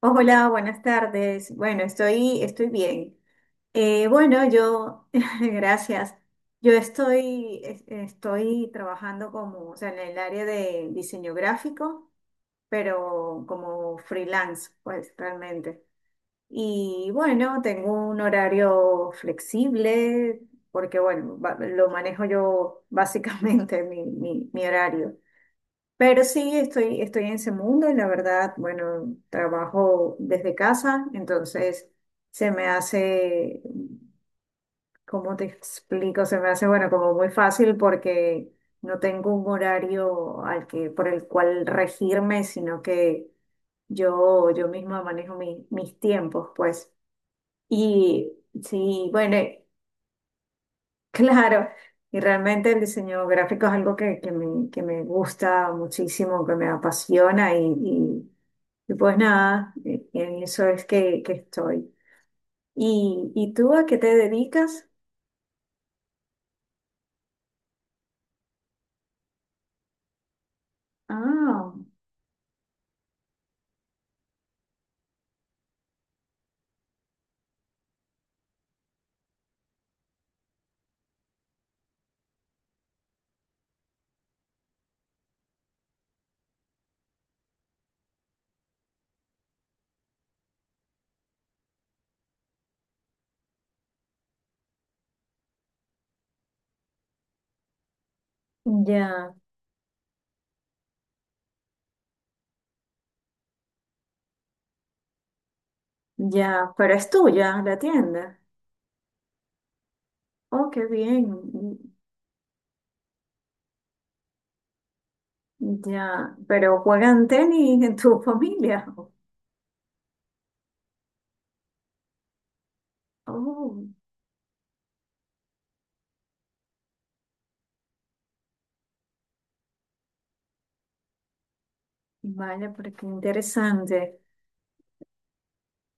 Hola, buenas tardes. Bueno, estoy bien. Bueno, yo, gracias. Yo estoy trabajando en el área de diseño gráfico, pero como freelance, pues realmente. Y bueno, tengo un horario flexible, porque bueno, lo manejo yo básicamente, mi horario. Pero sí, estoy en ese mundo y la verdad, bueno, trabajo desde casa, entonces se me hace, ¿cómo te explico? Se me hace, bueno, como muy fácil porque no tengo un horario por el cual regirme, sino que yo misma manejo mis tiempos, pues. Y sí, bueno, claro, y realmente el diseño gráfico es algo que me gusta muchísimo, que me apasiona y pues nada, en eso es que estoy. Y tú a qué te dedicas? Ah, ya, ya, pero es tuya la tienda. Oh, qué bien. Ya, pero juegan tenis en tu familia. Oh, vale, pero qué interesante.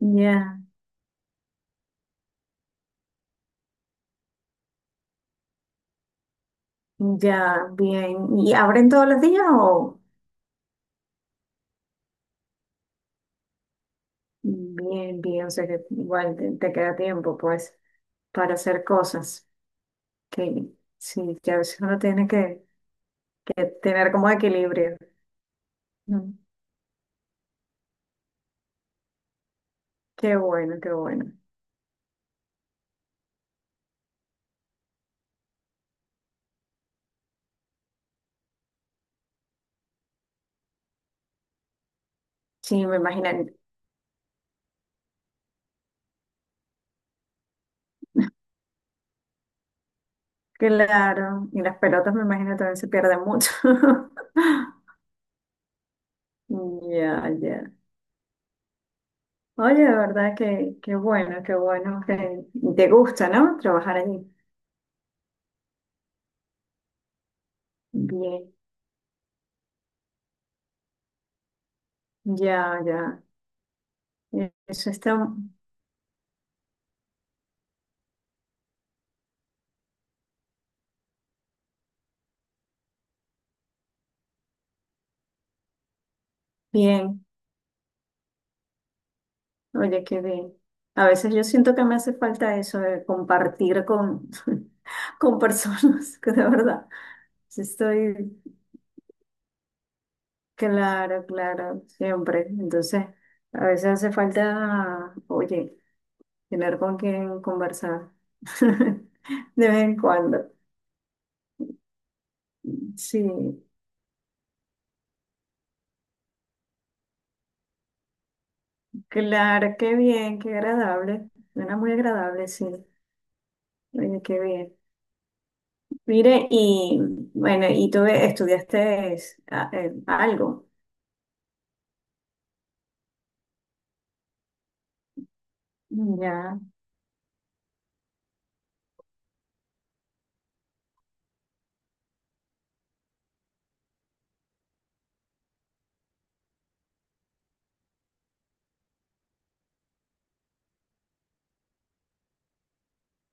Ya, ya, bien. ¿Y abren todos los días o? Bien, bien, o sea que igual te, te queda tiempo pues para hacer cosas. Que, sí, que a veces uno tiene que tener como equilibrio. Mm. Qué bueno, qué bueno. Sí, me imagino, claro. Y las pelotas me imagino también se pierden mucho. Ya, ya. Oye, de verdad que qué bueno que te gusta, ¿no? Trabajar allí. Bien, ya, ya. Eso está bien. Oye, qué bien. A veces yo siento que me hace falta eso de compartir con, con personas, que de verdad. Sí, estoy, claro, claro, siempre. Entonces, a veces hace falta, oye, tener con quien conversar de vez en cuando. Sí, claro, qué bien, qué agradable. Suena muy agradable, sí. Oye, qué bien. Mire, y bueno, y tú estudiaste ah, algo. Ya.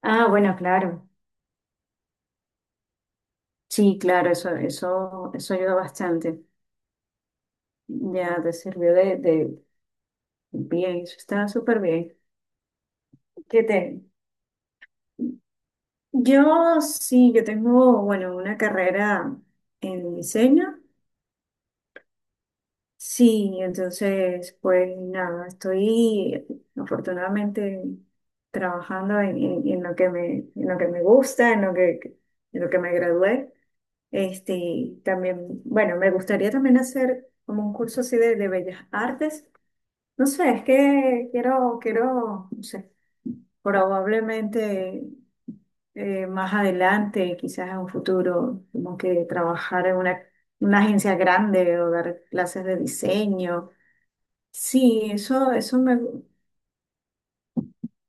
Ah, bueno, claro. Sí, claro, eso ayuda bastante. Ya te sirvió bien, eso está súper bien. ¿Qué te? Yo sí, yo tengo, bueno, una carrera en diseño. Sí, entonces, pues nada, estoy afortunadamente trabajando en, en lo que me, en lo que me gusta, en lo que me gradué. Este, también, bueno, me gustaría también hacer como un curso así de bellas artes. No sé, es que no sé, probablemente. Más adelante, quizás en un futuro, como que trabajar en una agencia grande o dar clases de diseño. Sí, eso me,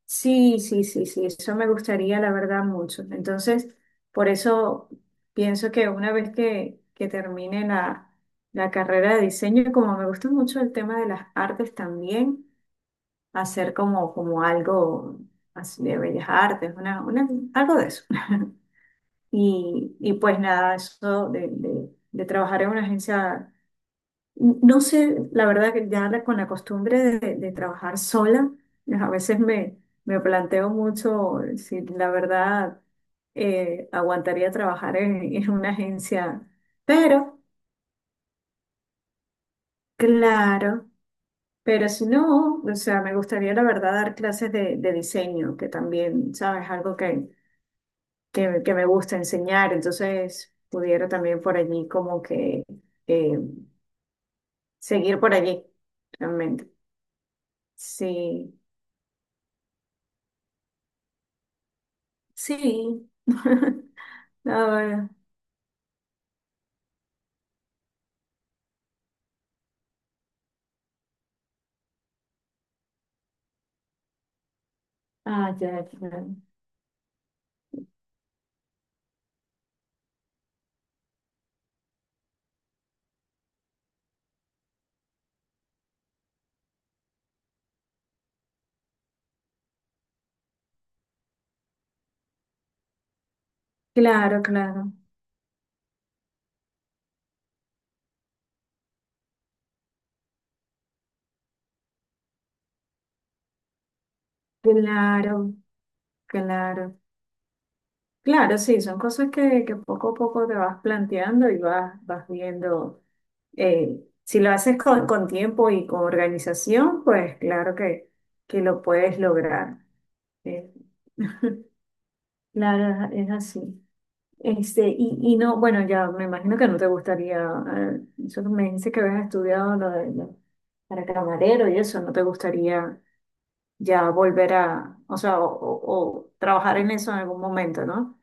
sí, sí, sí, sí, eso me gustaría, la verdad, mucho. Entonces, por eso pienso que una vez que termine la, la carrera de diseño, como me gusta mucho el tema de las artes también, hacer como, como algo así de bellas artes, una, algo de eso. Y, y pues nada, eso de, de trabajar en una agencia, no sé, la verdad que ya con la costumbre de trabajar sola, a veces me, me planteo mucho si la verdad aguantaría trabajar en una agencia. Pero, claro, pero si no, o sea, me gustaría la verdad dar clases de diseño, que también, ¿sabes? Algo que me gusta enseñar, entonces pudiera también por allí como que eh, seguir por allí, realmente. Sí, sí. Ahora, ah, ya, claro. Claro, claro, claro, claro. Claro, sí, son cosas que poco a poco te vas planteando y vas, vas viendo. Si lo haces con tiempo y con organización, pues claro que lo puedes lograr. Eh, claro, es así. Este, y no, bueno, ya me imagino que no te gustaría, eh, eso que me dices que habías estudiado lo de, para camarero y eso, ¿no te gustaría ya volver a, o sea, o trabajar en eso en algún momento, ¿no?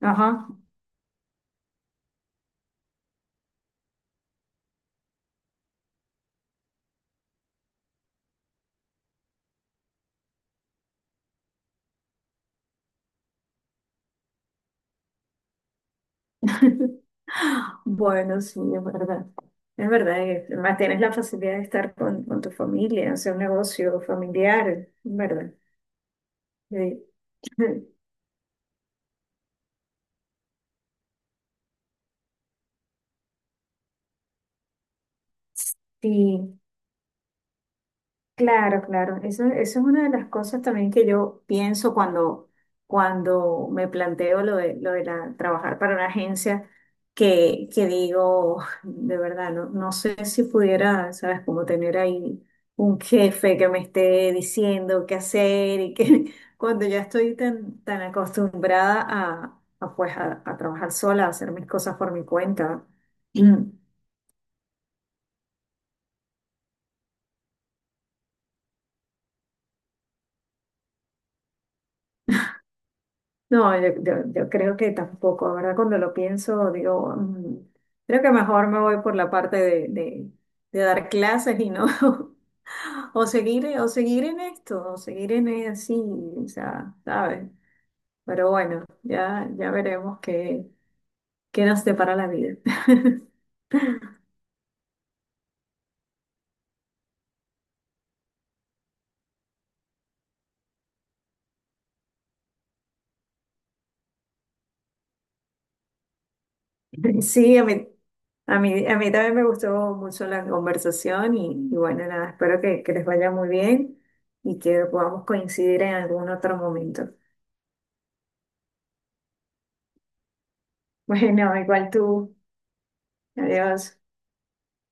Ajá. Bueno, sí, es verdad. Es verdad, y además tienes la facilidad de estar con tu familia, hacer un negocio familiar, ¿es verdad? Sí. Sí. Claro, claro. Eso es una de las cosas también que yo pienso cuando, cuando me planteo lo de la, trabajar para una agencia, que digo, de verdad, no, no sé si pudiera, ¿sabes? Como tener ahí un jefe que me esté diciendo qué hacer y que cuando ya estoy tan, tan acostumbrada a, pues, a trabajar sola, a hacer mis cosas por mi cuenta. No, yo, yo creo que tampoco, ¿verdad? Cuando lo pienso, digo, mm, creo que mejor me voy por la parte de, de dar clases y no, o seguir en esto, o seguir en así, o sea, ¿sabes? Pero bueno, ya, ya veremos qué, qué nos depara la vida. Sí, a mí, a mí, a mí también me gustó mucho la conversación y bueno, nada, espero que les vaya muy bien y que podamos coincidir en algún otro momento. Bueno, igual tú. Adiós.